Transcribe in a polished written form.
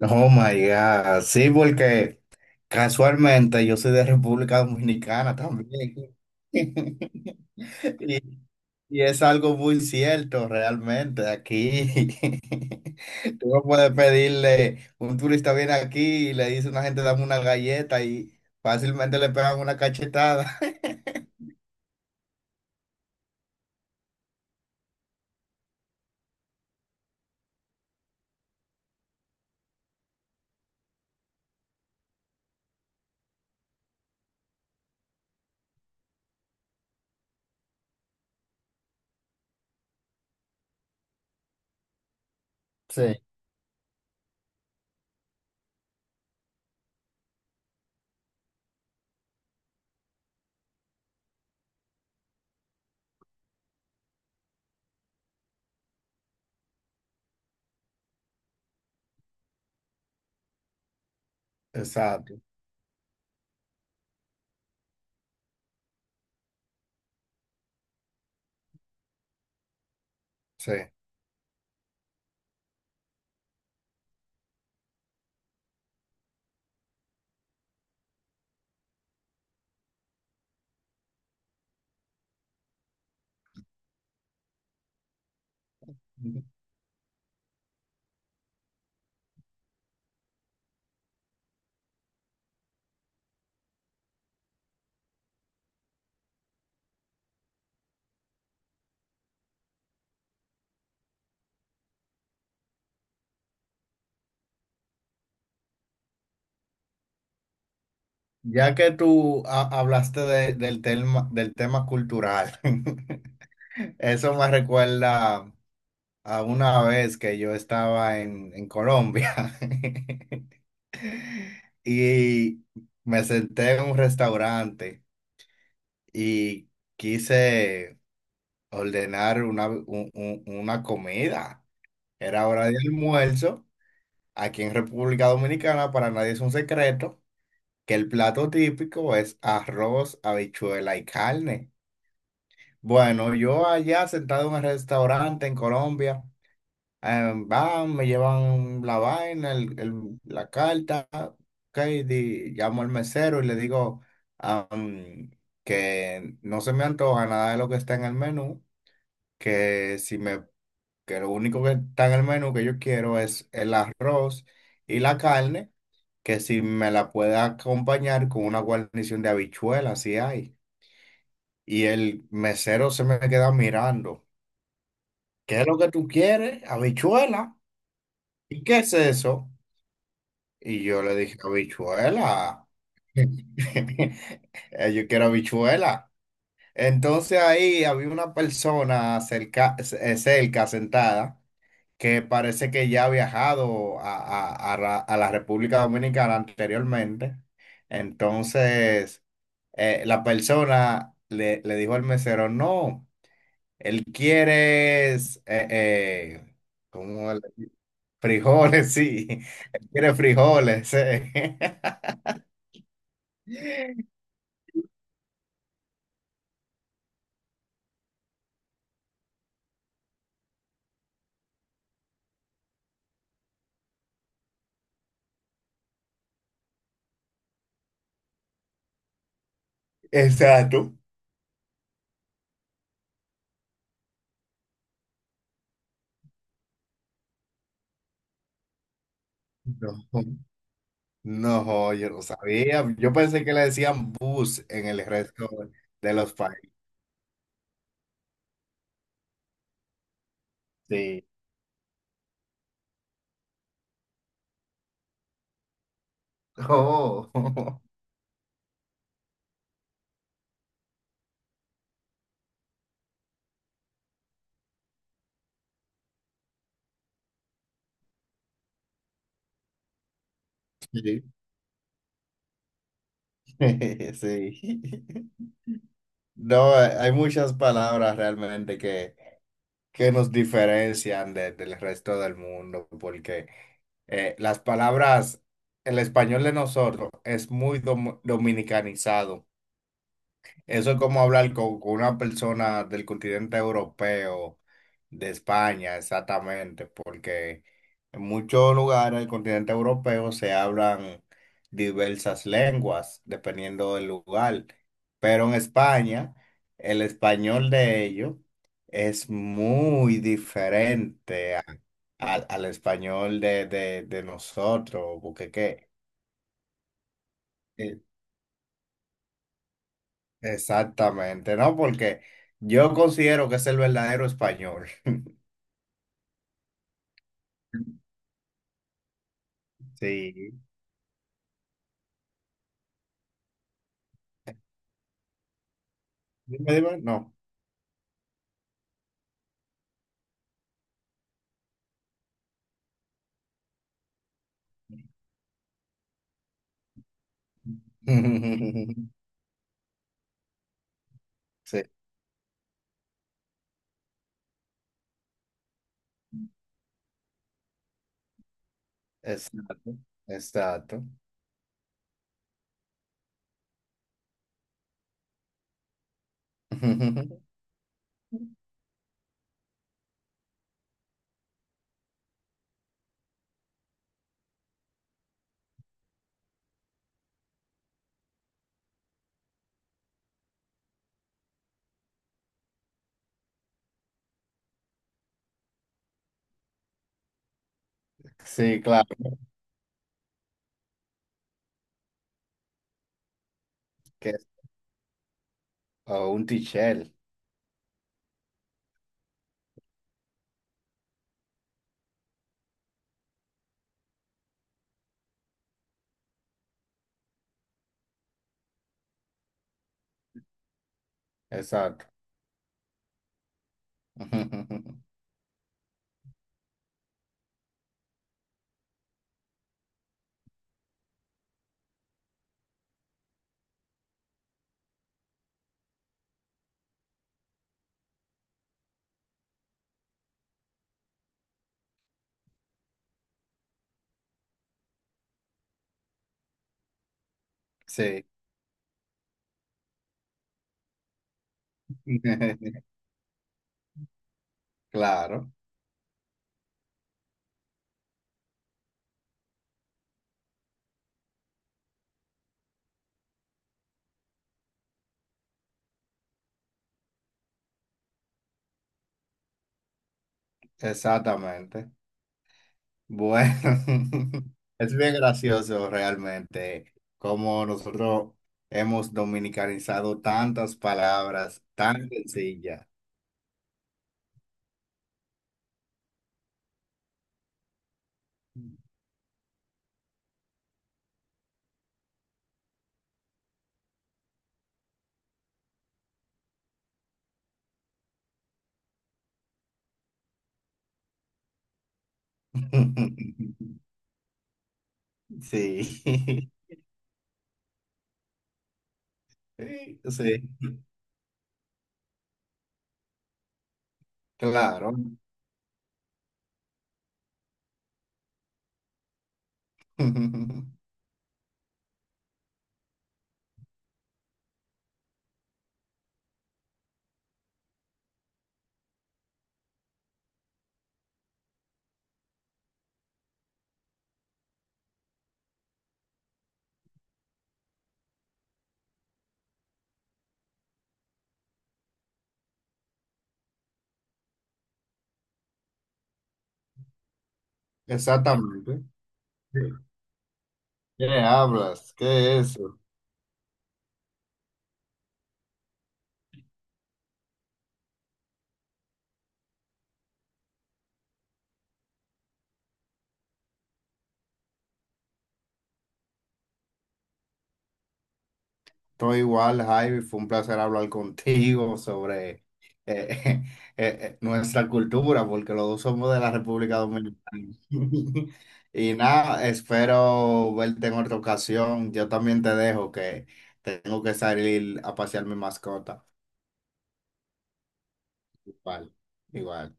Oh my God, sí, porque casualmente yo soy de República Dominicana también. Y, y es algo muy cierto realmente aquí. Tú no puedes pedirle, un turista viene aquí y le dice a una gente dame una galleta y fácilmente le pegan una cachetada. Sí, exacto, sí. Ya que hablaste del tema cultural, eso me recuerda a una vez que yo estaba en Colombia. Y me senté en un restaurante y quise ordenar una comida. Era hora de almuerzo. Aquí en República Dominicana, para nadie es un secreto que el plato típico es arroz, habichuela y carne. Bueno, yo allá sentado en un restaurante en Colombia. Van, me llevan la vaina, la carta, ok, llamo al mesero y le digo am, que no se me antoja nada de lo que está en el menú, que si me, que lo único que está en el menú que yo quiero es el arroz y la carne, que si me la puede acompañar con una guarnición de habichuelas, si hay. Y el mesero se me queda mirando, ¿qué es lo que tú quieres? ¿Habichuela? ¿Y qué es eso? Y yo le dije, habichuela. Yo quiero habichuela. Entonces ahí había una persona cerca, sentada, que parece que ya ha viajado a la República Dominicana anteriormente. Entonces, la persona le dijo al mesero, no, él quiere, es, eh, ¿cómo le- Frijoles, sí, él quiere frijoles, Exacto. No, no, yo no sabía. Yo pensé que le decían bus en el resto de los países. Sí. Oh. Sí. Sí. No, hay muchas palabras realmente que nos diferencian del resto del mundo, porque las palabras, el español de nosotros es muy dominicanizado. Eso es como hablar con una persona del continente europeo, de España, exactamente, porque en muchos lugares del continente europeo se hablan diversas lenguas, dependiendo del lugar, pero en España el español de ellos es muy diferente al español de nosotros, eh, exactamente, ¿no? Porque yo considero que es el verdadero español. Sí. Dime, dime, no. Sí, exacto, exacto. Sí, claro, que es o un tichel, exacto. Sí, claro, exactamente. Bueno, es bien gracioso realmente cómo nosotros hemos dominicanizado tantas palabras tan sencillas. Sí, sí, sí, claro. Exactamente. Sí. ¿Qué hablas? ¿Qué es eso? Estoy igual, Javi. Fue un placer hablar contigo sobre eh, nuestra cultura, porque los dos somos de la República Dominicana. Y nada, espero verte en otra ocasión. Yo también te dejo que tengo que salir a pasear mi mascota. Igual, igual.